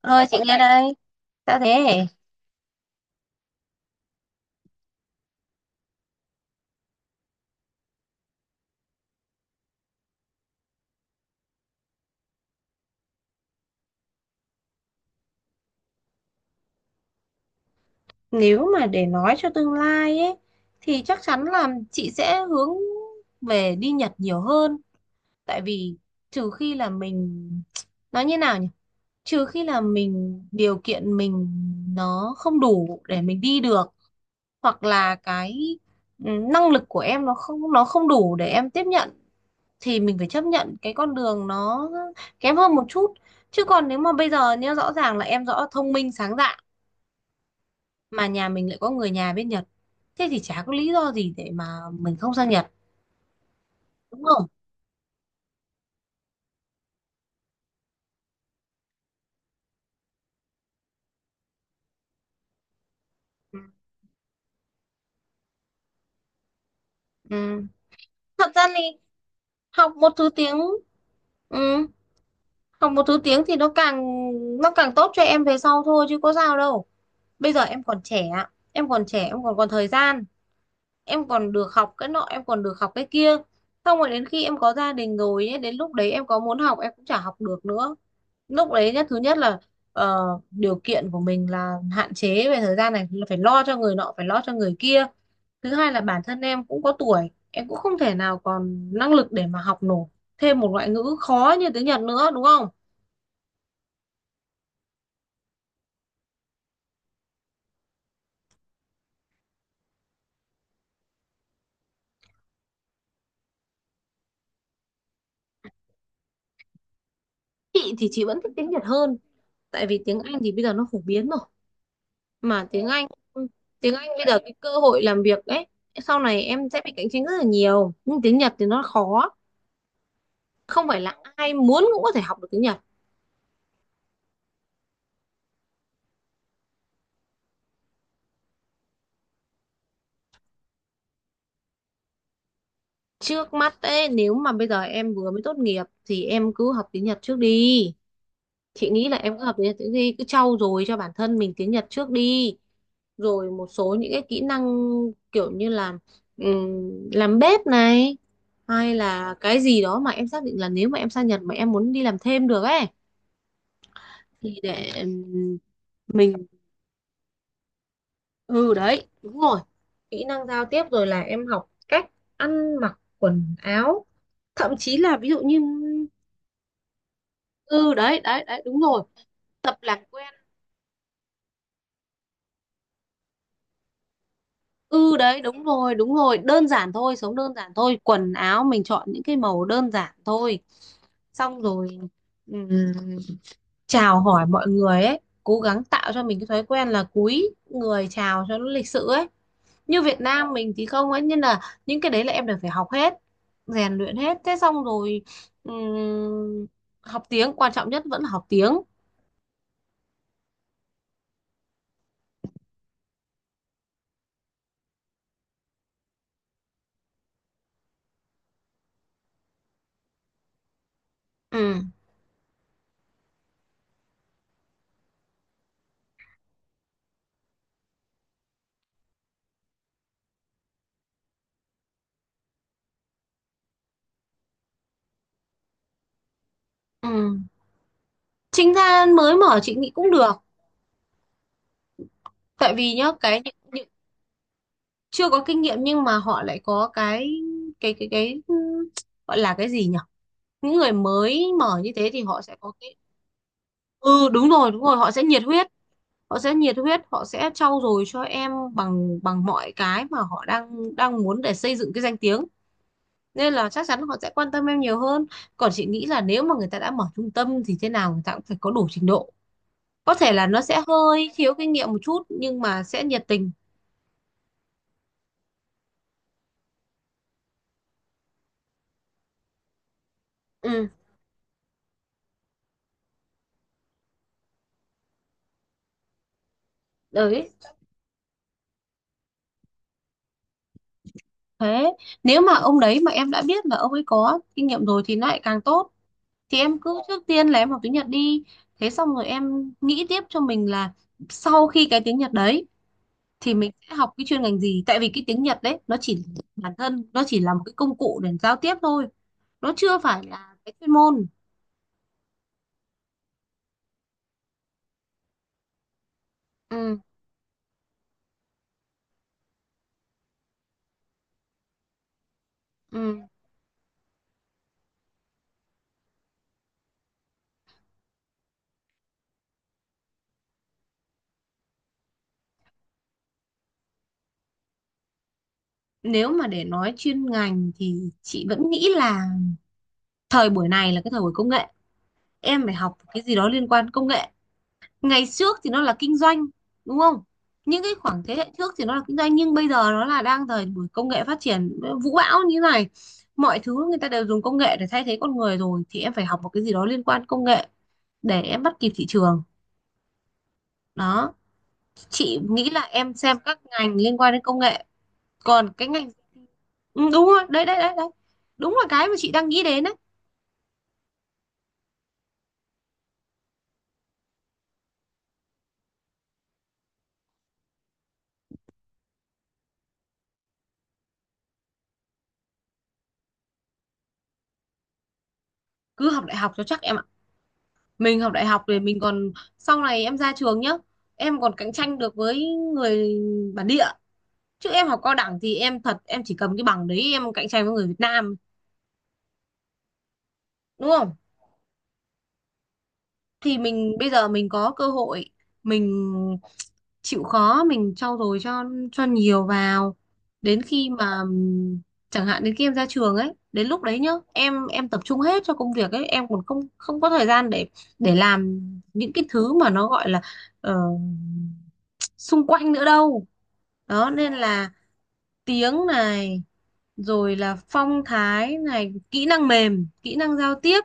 Ờ, chị nghe đây, đã thế nếu mà để nói cho tương lai ấy thì chắc chắn là chị sẽ hướng về đi Nhật nhiều hơn. Tại vì trừ khi là mình nói như nào nhỉ? Trừ khi là mình điều kiện mình nó không đủ để mình đi được, hoặc là cái năng lực của em nó không đủ để em tiếp nhận thì mình phải chấp nhận cái con đường nó kém hơn một chút. Chứ còn nếu mà bây giờ nhá, rõ ràng là em rõ thông minh sáng dạ mà nhà mình lại có người nhà bên Nhật, thế thì chả có lý do gì để mà mình không sang Nhật, đúng không? Ừ. Ừ. Thật ra thì học một thứ tiếng. Ừ. Học một thứ tiếng thì nó càng tốt cho em về sau thôi chứ có sao đâu. Bây giờ em còn trẻ, em còn trẻ em còn còn thời gian, em còn được học cái nọ, em còn được học cái kia. Xong rồi đến khi em có gia đình rồi ấy, đến lúc đấy em có muốn học em cũng chả học được nữa. Lúc đấy thứ nhất là điều kiện của mình là hạn chế về thời gian này, là phải lo cho người nọ, phải lo cho người kia. Thứ hai là bản thân em cũng có tuổi, em cũng không thể nào còn năng lực để mà học nổi thêm một ngoại ngữ khó như tiếng Nhật nữa, đúng không? Chị thì chị vẫn thích tiếng Nhật hơn. Tại vì tiếng Anh thì bây giờ nó phổ biến rồi, mà tiếng Anh bây giờ cái cơ hội làm việc ấy, sau này em sẽ bị cạnh tranh rất là nhiều. Nhưng tiếng Nhật thì nó khó, không phải là ai muốn cũng có thể học được tiếng Nhật. Trước mắt ấy, nếu mà bây giờ em vừa mới tốt nghiệp thì em cứ học tiếng Nhật trước đi. Chị nghĩ là em cứ học tiếng Nhật trước đi, cứ trau dồi cho bản thân mình tiếng Nhật trước đi. Rồi một số những cái kỹ năng, kiểu như là làm bếp này, hay là cái gì đó mà em xác định là nếu mà em sang Nhật mà em muốn đi làm thêm được ấy, thì để mình. Ừ đấy, đúng rồi. Kỹ năng giao tiếp, rồi là em học cách ăn mặc quần áo, thậm chí là ví dụ như. Ừ đấy, đấy, đấy, đúng rồi. Tập làm quen. Ừ đấy, đúng rồi, đúng rồi. Đơn giản thôi, sống đơn giản thôi, quần áo mình chọn những cái màu đơn giản thôi. Xong rồi ừm, chào hỏi mọi người ấy, cố gắng tạo cho mình cái thói quen là cúi người chào cho nó lịch sự ấy. Như Việt Nam mình thì không ấy, nên là những cái đấy là em đều phải học hết, rèn luyện hết. Thế xong rồi ừm, học tiếng, quan trọng nhất vẫn là học tiếng. Ừ. Ừ. Trinh Than mới mở chị nghĩ cũng được. Tại vì nhá, cái những chưa có kinh nghiệm, nhưng mà họ lại có cái gọi là cái gì nhỉ, những người mới mở như thế thì họ sẽ có cái. Ừ, đúng rồi, đúng rồi. Họ sẽ nhiệt huyết họ sẽ nhiệt huyết, họ sẽ trau dồi cho em bằng bằng mọi cái mà họ đang đang muốn để xây dựng cái danh tiếng, nên là chắc chắn họ sẽ quan tâm em nhiều hơn. Còn chị nghĩ là nếu mà người ta đã mở trung tâm thì thế nào người ta cũng phải có đủ trình độ, có thể là nó sẽ hơi thiếu kinh nghiệm một chút nhưng mà sẽ nhiệt tình. Ừ đấy, thế nếu mà ông đấy mà em đã biết là ông ấy có kinh nghiệm rồi thì nó lại càng tốt. Thì em cứ trước tiên là em học tiếng Nhật đi. Thế xong rồi em nghĩ tiếp cho mình là sau khi cái tiếng Nhật đấy thì mình sẽ học cái chuyên ngành gì. Tại vì cái tiếng Nhật đấy nó chỉ, bản thân nó chỉ là một cái công cụ để giao tiếp thôi, nó chưa phải là cái chuyên môn. Ừ, ừ. Nếu mà để nói chuyên ngành thì chị vẫn nghĩ là thời buổi này là cái thời buổi công nghệ, em phải học cái gì đó liên quan công nghệ. Ngày trước thì nó là kinh doanh, đúng không, những cái khoảng thế hệ trước thì nó là kinh doanh. Nhưng bây giờ nó là đang thời buổi công nghệ phát triển vũ bão như này, mọi thứ người ta đều dùng công nghệ để thay thế con người rồi, thì em phải học một cái gì đó liên quan công nghệ để em bắt kịp thị trường. Đó, chị nghĩ là em xem các ngành liên quan đến công nghệ, còn cái ngành. Ừ, đúng rồi, đấy, đấy, đấy, đấy, đúng là cái mà chị đang nghĩ đến đấy. Cứ học đại học cho chắc em ạ. Mình học đại học thì mình còn, sau này em ra trường nhá, em còn cạnh tranh được với người bản địa. Chứ em học cao đẳng thì em thật em chỉ cầm cái bằng đấy em cạnh tranh với người Việt Nam, đúng không? Thì mình bây giờ mình có cơ hội, mình chịu khó mình trau dồi cho nhiều vào, đến khi mà chẳng hạn đến khi em ra trường ấy, đến lúc đấy nhá, em tập trung hết cho công việc ấy, em còn không không có thời gian để làm những cái thứ mà nó gọi là ờ, xung quanh nữa đâu. Đó nên là tiếng này, rồi là phong thái này, kỹ năng mềm, kỹ năng giao tiếp.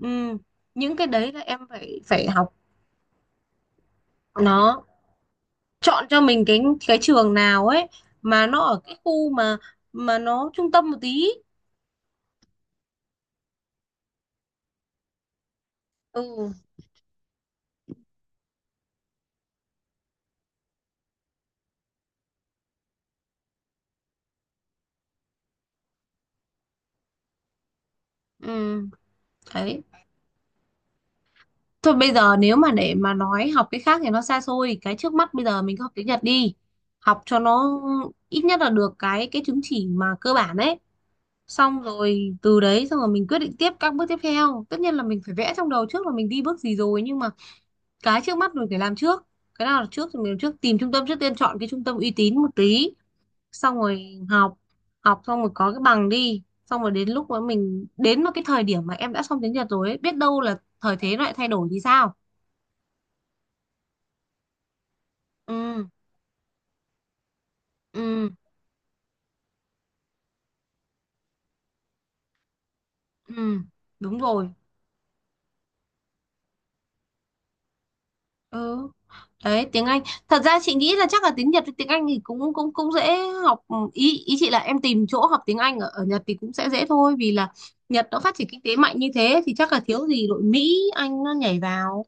Ừ. Những cái đấy là em phải phải học, nó chọn cho mình cái trường nào ấy, mà nó ở cái khu mà nó trung tâm một tí. Ừ. Ừ đấy, thôi bây giờ nếu mà để mà nói học cái khác thì nó xa xôi, cái trước mắt bây giờ mình cứ học tiếng Nhật đi. Học cho nó ít nhất là được cái chứng chỉ mà cơ bản ấy, xong rồi từ đấy xong rồi mình quyết định tiếp các bước tiếp theo. Tất nhiên là mình phải vẽ trong đầu trước là mình đi bước gì rồi, nhưng mà cái trước mắt mình phải làm trước, cái nào là trước thì mình làm trước. Tìm trung tâm trước tiên, chọn cái trung tâm uy tín một tí, xong rồi học học xong rồi có cái bằng đi, xong rồi đến lúc mà mình đến một cái thời điểm mà em đã xong tiếng Nhật rồi ấy, biết đâu là thời thế lại thay đổi thì sao. Ừ. Ừ. Ừ, đúng rồi. Ừ. Đấy, tiếng Anh. Thật ra chị nghĩ là chắc là tiếng Nhật với tiếng Anh thì cũng cũng cũng dễ học. Ừ, Ý ý chị là em tìm chỗ học tiếng Anh ở Nhật thì cũng sẽ dễ thôi, vì là Nhật nó phát triển kinh tế mạnh như thế thì chắc là thiếu gì đội Mỹ Anh nó nhảy vào.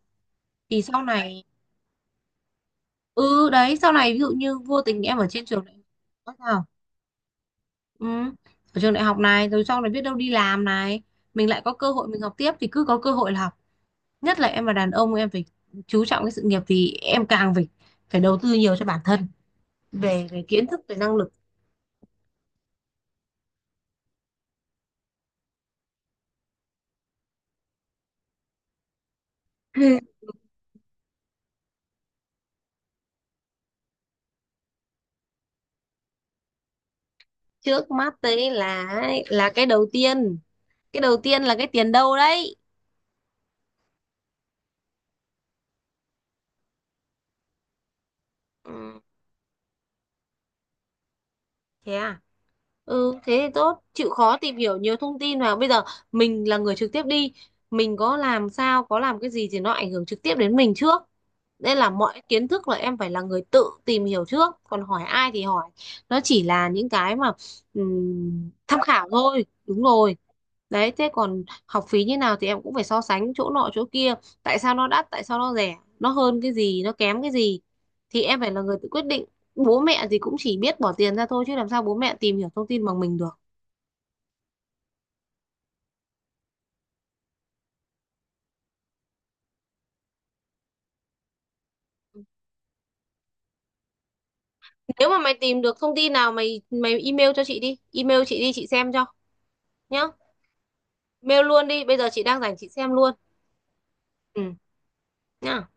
Thì sau này. Ừ đấy, sau này ví dụ như vô tình em ở trên trường đại học sao, ừ, ở trường đại học này rồi sau này biết đâu đi làm này, mình lại có cơ hội mình học tiếp thì cứ có cơ hội là học. Nhất là em là đàn ông, em phải chú trọng cái sự nghiệp thì em càng phải phải đầu tư nhiều cho bản thân, về cái kiến thức, về năng lực. Trước mắt đấy là cái đầu tiên, cái đầu tiên là cái tiền đâu đấy. Ừ. Thế à. Ừ, thế thì tốt, chịu khó tìm hiểu nhiều thông tin vào. Bây giờ mình là người trực tiếp đi, mình có làm sao, có làm cái gì thì nó ảnh hưởng trực tiếp đến mình trước. Nên là mọi kiến thức là em phải là người tự tìm hiểu trước, còn hỏi ai thì hỏi. Nó chỉ là những cái mà tham khảo thôi, đúng rồi. Đấy, thế còn học phí như nào thì em cũng phải so sánh chỗ nọ chỗ kia, tại sao nó đắt, tại sao nó rẻ, nó hơn cái gì, nó kém cái gì thì em phải là người tự quyết định. Bố mẹ thì cũng chỉ biết bỏ tiền ra thôi chứ làm sao bố mẹ tìm hiểu thông tin bằng mình được. Nếu mà mày tìm được thông tin nào mày mày email cho chị đi, email chị đi chị xem cho nhá. Mail luôn đi, bây giờ chị đang rảnh chị xem luôn. Ừ. Nhá.